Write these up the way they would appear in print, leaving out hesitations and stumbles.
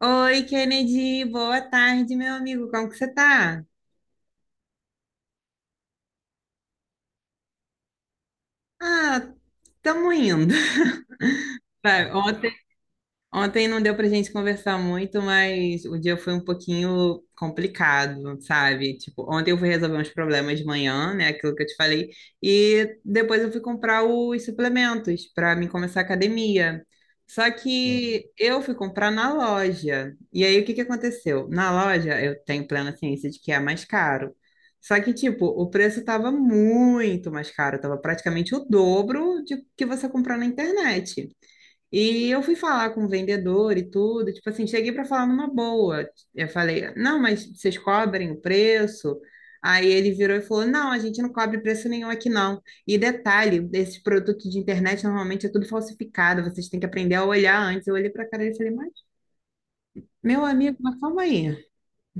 Oi, Kennedy, boa tarde, meu amigo. Como que você tá? Ah, tamo indo. Vai, ontem não deu pra gente conversar muito, mas o dia foi um pouquinho complicado, sabe? Tipo, ontem eu fui resolver uns problemas de manhã, né? Aquilo que eu te falei. E depois eu fui comprar os suplementos para mim começar a academia. Só que eu fui comprar na loja. E aí, o que que aconteceu? Na loja, eu tenho plena ciência de que é mais caro. Só que, tipo, o preço estava muito mais caro, estava praticamente o dobro de que você comprar na internet. E eu fui falar com o vendedor e tudo, tipo assim, cheguei para falar numa boa. Eu falei, não, mas vocês cobrem o preço? Aí ele virou e falou, não, a gente não cobre preço nenhum aqui não. E detalhe, esses produtos de internet normalmente é tudo falsificado, vocês têm que aprender a olhar antes. Eu olhei para a cara dele e falei, mas meu amigo, mas calma aí,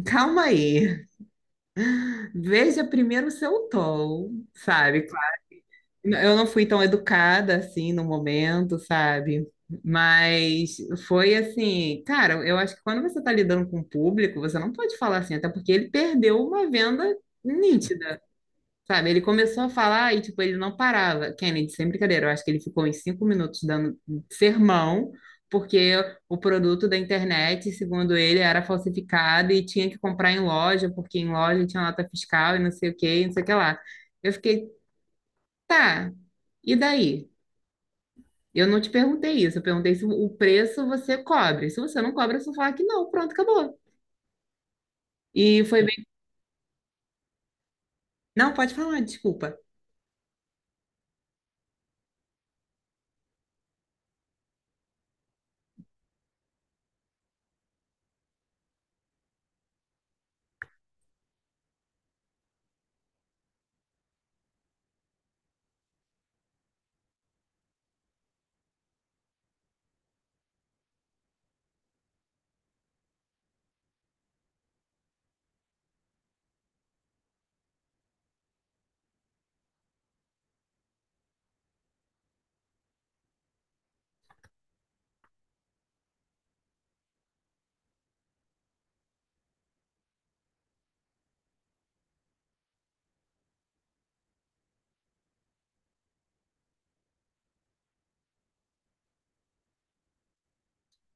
calma aí. Veja primeiro o seu tom, sabe? Eu não fui tão educada assim no momento, sabe? Mas foi assim, cara, eu acho que quando você tá lidando com o público, você não pode falar assim, até porque ele perdeu uma venda nítida, sabe? Ele começou a falar e, tipo, ele não parava. Kennedy, sem brincadeira, eu acho que ele ficou em 5 minutos dando sermão, porque o produto da internet, segundo ele, era falsificado e tinha que comprar em loja, porque em loja tinha nota fiscal e não sei o que, não sei o que lá. Eu fiquei, tá, e daí? Eu não te perguntei isso, eu perguntei se o preço você cobre. Se você não cobra, você fala que não, pronto, acabou. E foi bem. Não, pode falar, desculpa.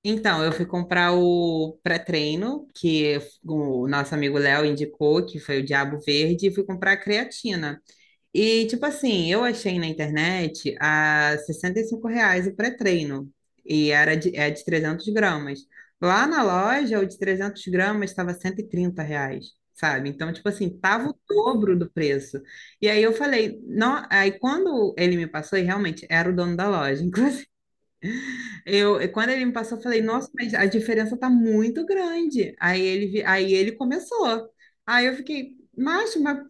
Então, eu fui comprar o pré-treino, que o nosso amigo Léo indicou, que foi o Diabo Verde, e fui comprar a creatina. E, tipo assim, eu achei na internet a R$ 65 reais o pré-treino. E era de, é de 300 gramas. Lá na loja, o de 300 gramas estava R$ 130 reais, sabe? Então, tipo assim, tava o dobro do preço. E aí eu falei, não, aí quando ele me passou, e realmente era o dono da loja, inclusive, eu, quando ele me passou, eu falei, nossa, mas a diferença tá muito grande. Aí ele começou. Aí eu fiquei, macho, mas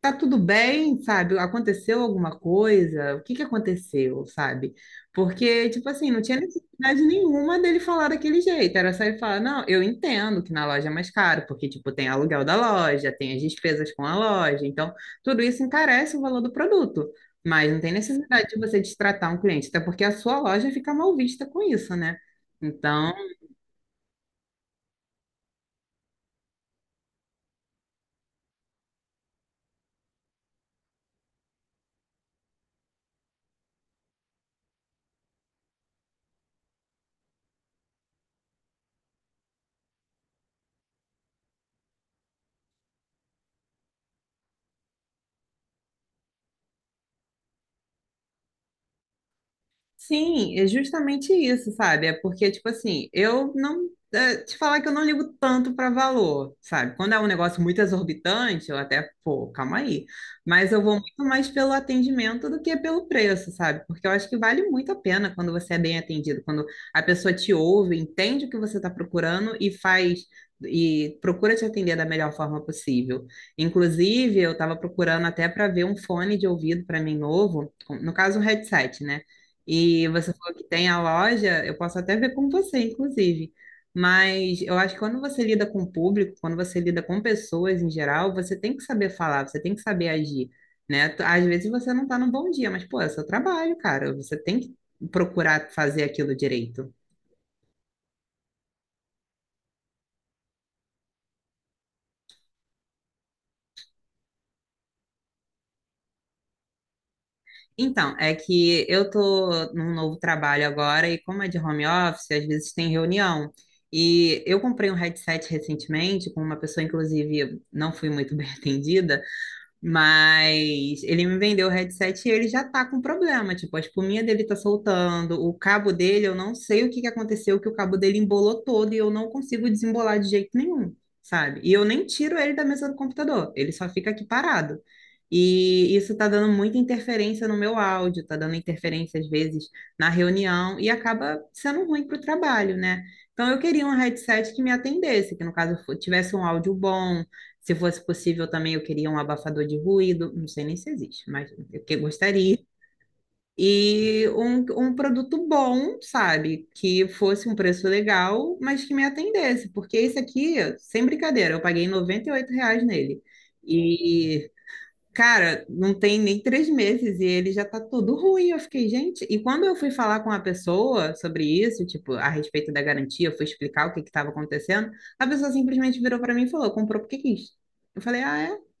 tá tudo bem, sabe? Aconteceu alguma coisa? O que que aconteceu, sabe? Porque, tipo assim, não tinha necessidade nenhuma dele falar daquele jeito. Era só ele falar, não, eu entendo que na loja é mais caro, porque, tipo, tem aluguel da loja, tem as despesas com a loja. Então, tudo isso encarece o valor do produto. Mas não tem necessidade de você destratar um cliente, até porque a sua loja fica mal vista com isso, né? Então, sim, é justamente isso, sabe? É porque, tipo assim, eu não. É, te falar que eu não ligo tanto para valor, sabe? Quando é um negócio muito exorbitante, eu até, pô, calma aí. Mas eu vou muito mais pelo atendimento do que pelo preço, sabe? Porque eu acho que vale muito a pena quando você é bem atendido, quando a pessoa te ouve, entende o que você está procurando e faz. E procura te atender da melhor forma possível. Inclusive, eu estava procurando até para ver um fone de ouvido para mim novo, no caso, um headset, né? E você falou que tem a loja, eu posso até ver com você, inclusive. Mas eu acho que quando você lida com o público, quando você lida com pessoas em geral, você tem que saber falar, você tem que saber agir, né? Às vezes você não tá num bom dia, mas, pô, é seu trabalho, cara. Você tem que procurar fazer aquilo direito. Então, é que eu tô num novo trabalho agora e como é de home office, às vezes tem reunião. E eu comprei um headset recentemente com uma pessoa, inclusive, não fui muito bem atendida, mas ele me vendeu o headset e ele já tá com problema. Tipo, a espuminha dele tá soltando, o cabo dele, eu não sei o que que aconteceu, que o cabo dele embolou todo e eu não consigo desembolar de jeito nenhum, sabe? E eu nem tiro ele da mesa do computador, ele só fica aqui parado. E isso tá dando muita interferência no meu áudio, tá dando interferência às vezes na reunião e acaba sendo ruim pro trabalho, né? Então eu queria um headset que me atendesse, que no caso tivesse um áudio bom, se fosse possível também, eu queria um abafador de ruído, não sei nem se existe, mas eu que gostaria. E um produto bom, sabe? Que fosse um preço legal, mas que me atendesse. Porque esse aqui, sem brincadeira, eu paguei R$ 98 nele. E, cara, não tem nem 3 meses e ele já tá todo ruim. Eu fiquei, gente. E quando eu fui falar com a pessoa sobre isso, tipo, a respeito da garantia, eu fui explicar o que que estava acontecendo, a pessoa simplesmente virou para mim e falou: comprou porque quis. Eu falei, ah, é?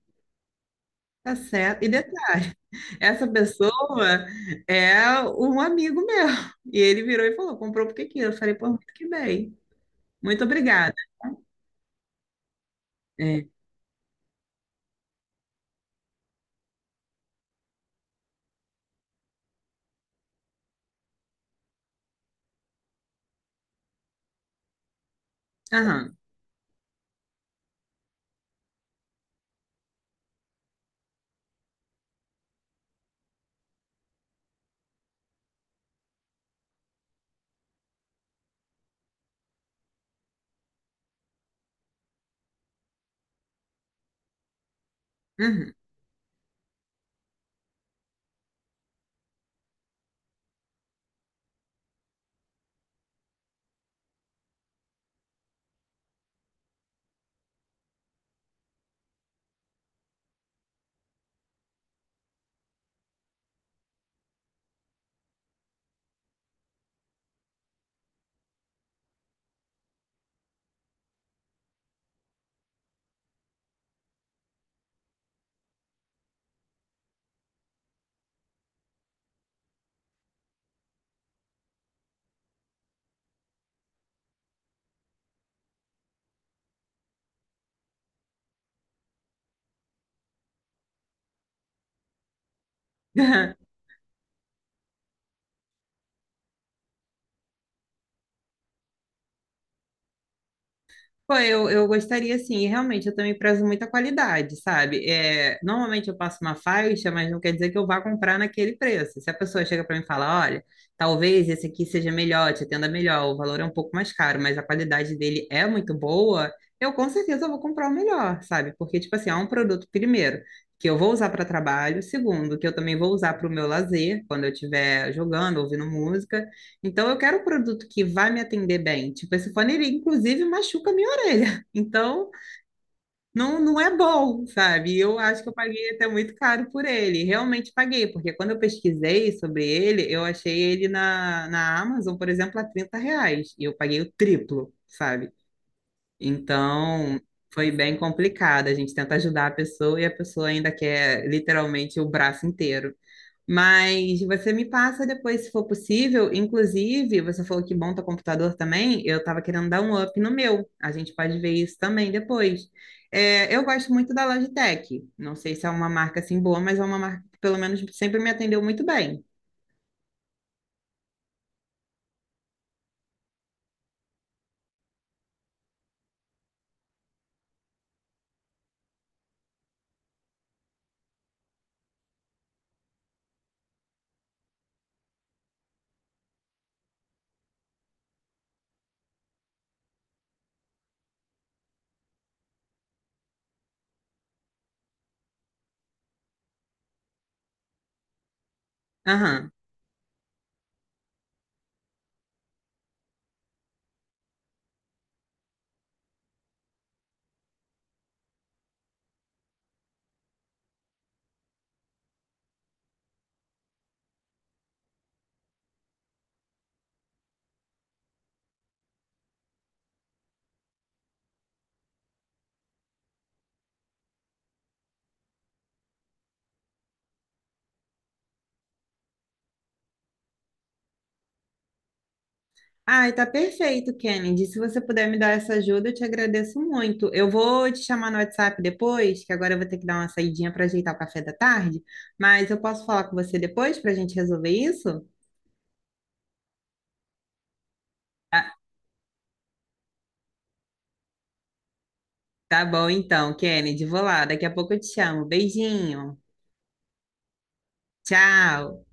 Tá certo. E detalhe, essa pessoa é um amigo meu. E ele virou e falou, comprou porque quis. Eu falei, pô, muito que bem. Muito obrigada. É. Aham. Uhum. Pô, eu gostaria sim, e realmente eu também prezo muita qualidade, sabe? É, normalmente eu passo uma faixa, mas não quer dizer que eu vá comprar naquele preço. Se a pessoa chega para mim e fala, olha, talvez esse aqui seja melhor, te atenda melhor, o valor é um pouco mais caro, mas a qualidade dele é muito boa, eu com certeza vou comprar o melhor, sabe? Porque, tipo assim, é um produto, primeiro, que eu vou usar para trabalho, segundo, que eu também vou usar para o meu lazer, quando eu estiver jogando, ouvindo música. Então, eu quero um produto que vai me atender bem. Tipo, esse fone, ele inclusive machuca a minha espelha. Então, não, não é bom, sabe? Eu acho que eu paguei até muito caro por ele. Realmente paguei, porque quando eu pesquisei sobre ele, eu achei ele na Amazon, por exemplo, a R$ 30. E eu paguei o triplo, sabe? Então, foi bem complicado. A gente tenta ajudar a pessoa e a pessoa ainda quer literalmente o braço inteiro. Mas você me passa depois, se for possível. Inclusive, você falou que monta computador também. Eu estava querendo dar um up no meu. A gente pode ver isso também depois. É, eu gosto muito da Logitech. Não sei se é uma marca assim boa, mas é uma marca que pelo menos sempre me atendeu muito bem. Aham. Ai, tá perfeito, Kennedy. Se você puder me dar essa ajuda, eu te agradeço muito. Eu vou te chamar no WhatsApp depois, que agora eu vou ter que dar uma saidinha para ajeitar o café da tarde, mas eu posso falar com você depois para a gente resolver isso? Tá bom então, Kennedy, vou lá. Daqui a pouco eu te chamo. Beijinho. Tchau.